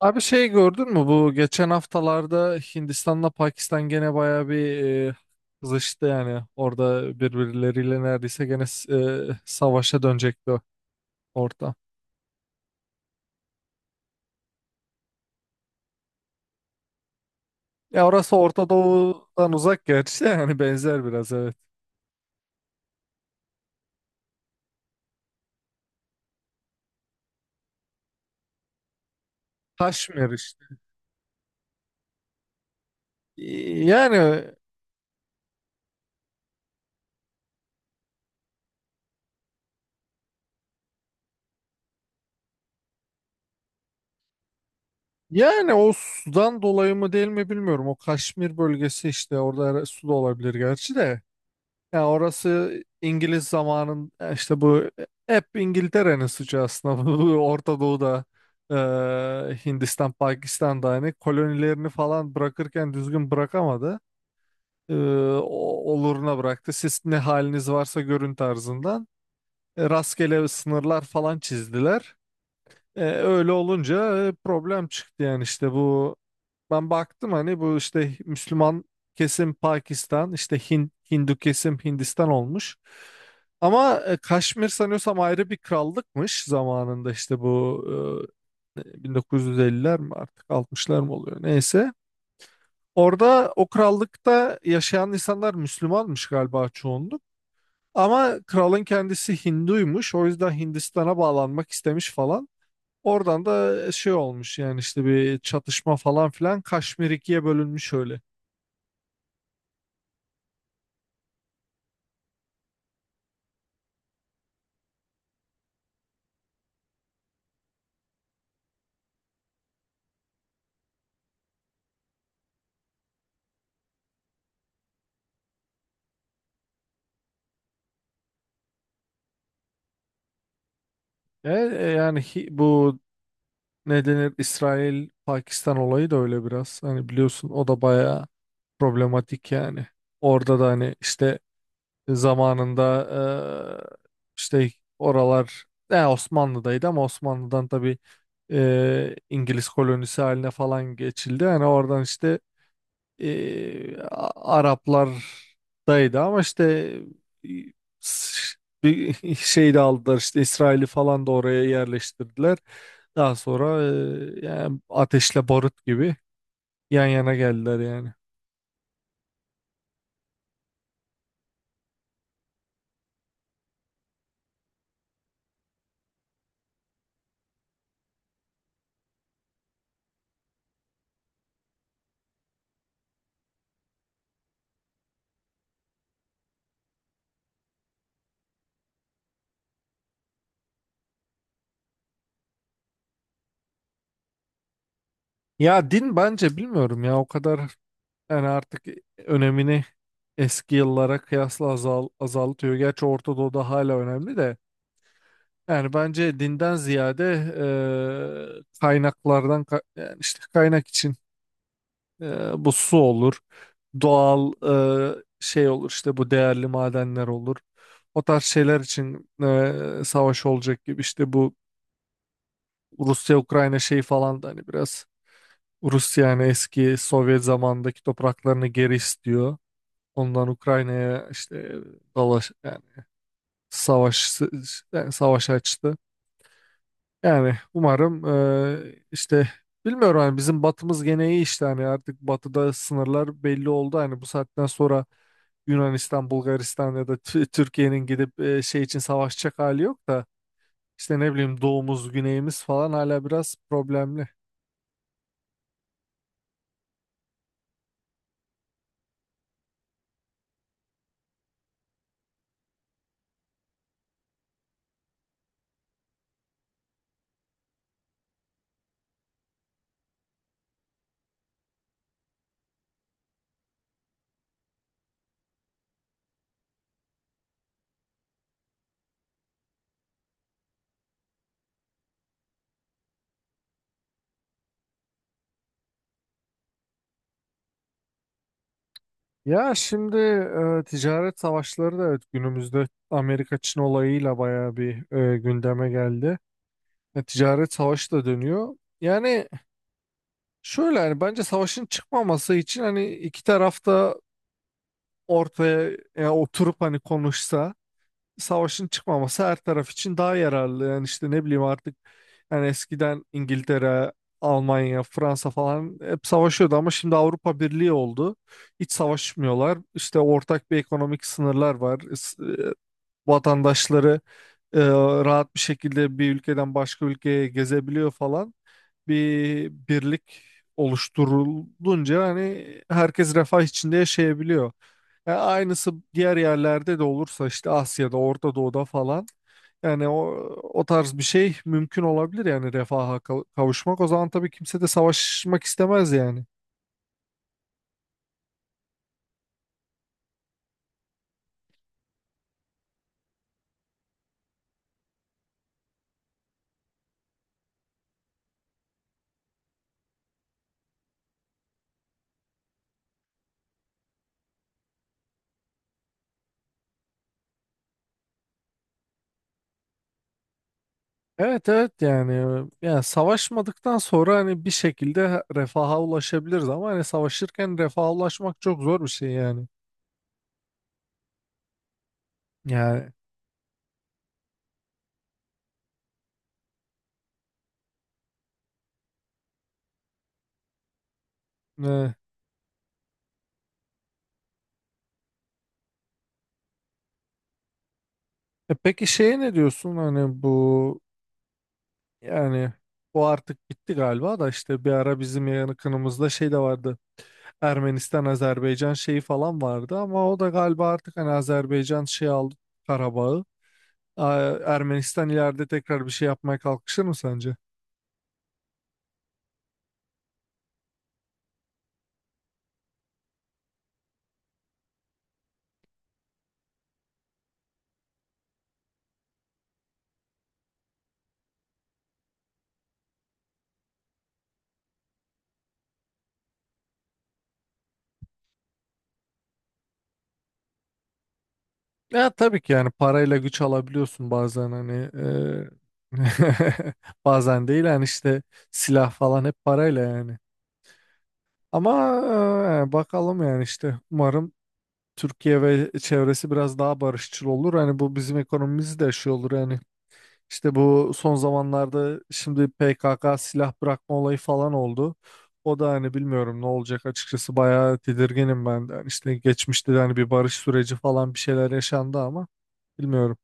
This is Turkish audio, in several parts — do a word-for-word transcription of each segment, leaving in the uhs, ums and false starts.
Abi, şey, gördün mü bu geçen haftalarda Hindistan'la Pakistan gene bayağı bir e, kızıştı, yani orada birbirleriyle neredeyse gene s- e, savaşa dönecekti o orta. Ya orası Orta Doğu'dan uzak gerçi de, yani benzer biraz, evet. Kaşmir işte. Yani yani o sudan dolayı mı değil mi bilmiyorum. O Kaşmir bölgesi işte, orada her- su da olabilir gerçi de. Ya orası İngiliz zamanın ya, işte bu e, hep İngiltere'nin suçu aslında. Bu Orta Doğu'da e, Hindistan, Pakistan'da hani kolonilerini falan bırakırken düzgün bırakamadı. E, o- Oluruna bıraktı. Siz ne haliniz varsa görün tarzından. E, rastgele sınırlar falan çizdiler. E, öyle olunca e, problem çıktı, yani işte bu ben baktım hani, bu işte Müslüman kesim Pakistan, işte Hin- Hindu kesim Hindistan olmuş. Ama e, Kaşmir sanıyorsam ayrı bir krallıkmış zamanında, işte bu e, bin dokuz yüz elliler mi artık altmışlar mı oluyor, neyse. Orada o krallıkta yaşayan insanlar Müslümanmış galiba çoğunluk. Ama kralın kendisi Hinduymuş. O yüzden Hindistan'a bağlanmak istemiş falan. Oradan da şey olmuş, yani işte bir çatışma falan filan, Kaşmir ikiye bölünmüş öyle. E, e, yani hi- bu ne denir, İsrail Pakistan olayı da öyle biraz. Hani biliyorsun, o da bayağı problematik yani. Orada da hani işte zamanında e, işte oralar e, Osmanlı'daydı ama Osmanlı'dan tabii e, İngiliz kolonisi haline falan geçildi. Hani oradan işte e, A- Araplardaydı ama işte e, s- bir şey de aldılar, işte İsrail'i falan da oraya yerleştirdiler. Daha sonra e, yani ateşle barut gibi yan yana geldiler yani. Ya din bence, bilmiyorum ya, o kadar yani artık önemini eski yıllara kıyasla azal, azaltıyor. Gerçi Orta Doğu'da hala önemli de. Yani bence dinden ziyade e, kaynaklardan, ka- yani işte kaynak için. E, bu su olur, doğal e, şey olur, işte bu değerli madenler olur. O tarz şeyler için e, savaş olacak gibi, işte bu Rusya-Ukrayna şeyi falan da hani biraz, Rusya yani eski Sovyet zamandaki topraklarını geri istiyor. Ondan Ukrayna'ya işte dalaş, yani savaş, yani savaş açtı. Yani umarım eee, işte bilmiyorum, hani bizim batımız gene iyi, işte hani artık batıda sınırlar belli oldu. Hani bu saatten sonra Yunanistan, Bulgaristan ya da Tü- Türkiye'nin gidip eee, şey için savaşacak hali yok da, işte ne bileyim, doğumuz, güneyimiz falan hala biraz problemli. Ya şimdi eee, ticaret savaşları da evet, günümüzde Amerika-Çin olayıyla bayağı bir eee, gündeme geldi. E, ticaret savaşı da dönüyor. Yani şöyle, yani bence savaşın çıkmaması için hani iki taraf da ortaya, yani oturup hani konuşsa, savaşın çıkmaması her taraf için daha yararlı. Yani işte ne bileyim artık, yani eskiden İngiltere, Almanya, Fransa falan hep savaşıyordu ama şimdi Avrupa Birliği oldu. Hiç savaşmıyorlar. İşte ortak bir ekonomik sınırlar var, vatandaşları e, rahat bir şekilde bir ülkeden başka ülkeye gezebiliyor falan. Bir birlik oluşturulunca hani herkes refah içinde yaşayabiliyor. Yani aynısı diğer yerlerde de olursa, işte Asya'da, Orta Doğu'da falan, yani o, o tarz bir şey mümkün olabilir, yani refaha kav- kavuşmak. O zaman tabii kimse de savaşmak istemez yani. Evet, evet, yani yani savaşmadıktan sonra hani bir şekilde refaha ulaşabiliriz, ama hani savaşırken refaha ulaşmak çok zor bir şey yani. Yani, e, e peki şeye ne diyorsun hani, bu yani bu artık bitti galiba da, işte bir ara bizim yakınımızda şey de vardı, Ermenistan Azerbaycan şeyi falan vardı, ama o da galiba artık hani Azerbaycan şey aldı, Karabağ'ı. Aa, Ermenistan ileride tekrar bir şey yapmaya kalkışır mı sence? Ya tabii ki, yani parayla güç alabiliyorsun bazen, hani eee, bazen değil yani, işte silah falan hep parayla yani. Ama eee, yani bakalım, yani işte umarım Türkiye ve çevresi biraz daha barışçıl olur. Hani bu bizim ekonomimiz de şey olur yani. İşte bu son zamanlarda şimdi P K K silah bırakma olayı falan oldu. O da hani bilmiyorum ne olacak, açıkçası bayağı tedirginim ben de. Hani işte geçmişte de hani bir barış süreci falan, bir şeyler yaşandı ama bilmiyorum.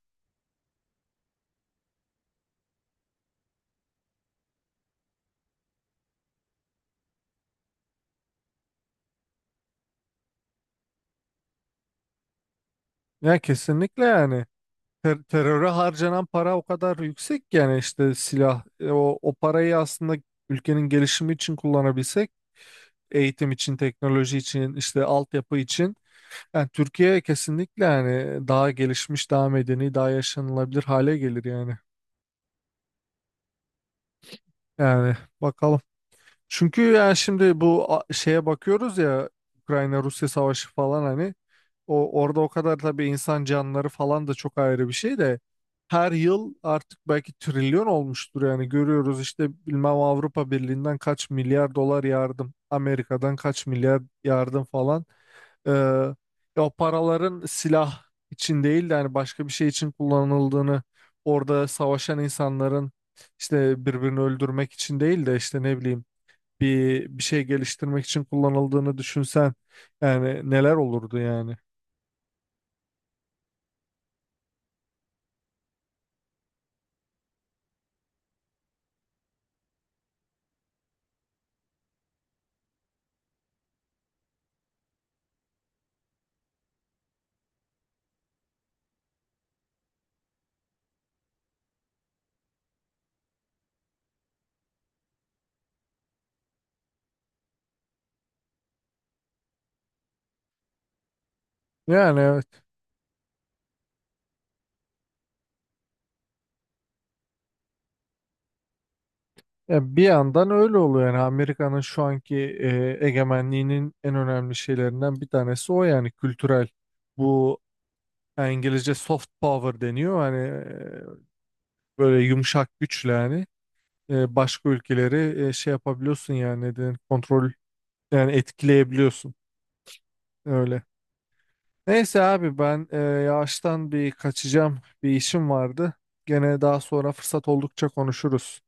Ya kesinlikle, yani ter- teröre harcanan para o kadar yüksek ki, yani işte silah, e, o, o parayı aslında ülkenin gelişimi için kullanabilsek, eğitim için, teknoloji için, işte altyapı için. Yani Türkiye kesinlikle, yani daha gelişmiş, daha medeni, daha yaşanılabilir hale gelir yani. Yani bakalım. Çünkü yani şimdi bu a- şeye bakıyoruz ya, Ukrayna-Rusya savaşı falan hani, o orada o kadar tabii, insan canları falan da çok ayrı bir şey de, her yıl artık belki trilyon olmuştur yani, görüyoruz işte, bilmem, Avrupa Birliği'nden kaç milyar dolar yardım, Amerika'dan kaç milyar yardım falan. Ee, Ya o paraların silah için değil de hani başka bir şey için kullanıldığını, orada savaşan insanların işte birbirini öldürmek için değil de, işte ne bileyim, bir bir şey geliştirmek için kullanıldığını düşünsen, yani neler olurdu yani. Yani evet. Ya bir yandan öyle oluyor yani, Amerika'nın şu anki e, egemenliğinin en önemli şeylerinden bir tanesi o, yani kültürel. Bu yani İngilizce soft power deniyor hani, e, böyle yumuşak güçle yani. E, başka ülkeleri e, şey yapabiliyorsun, yani ne denir, kontrol, yani etkileyebiliyorsun öyle. Neyse abi, ben e, yavaştan bir kaçacağım, bir işim vardı. Gene daha sonra fırsat oldukça konuşuruz.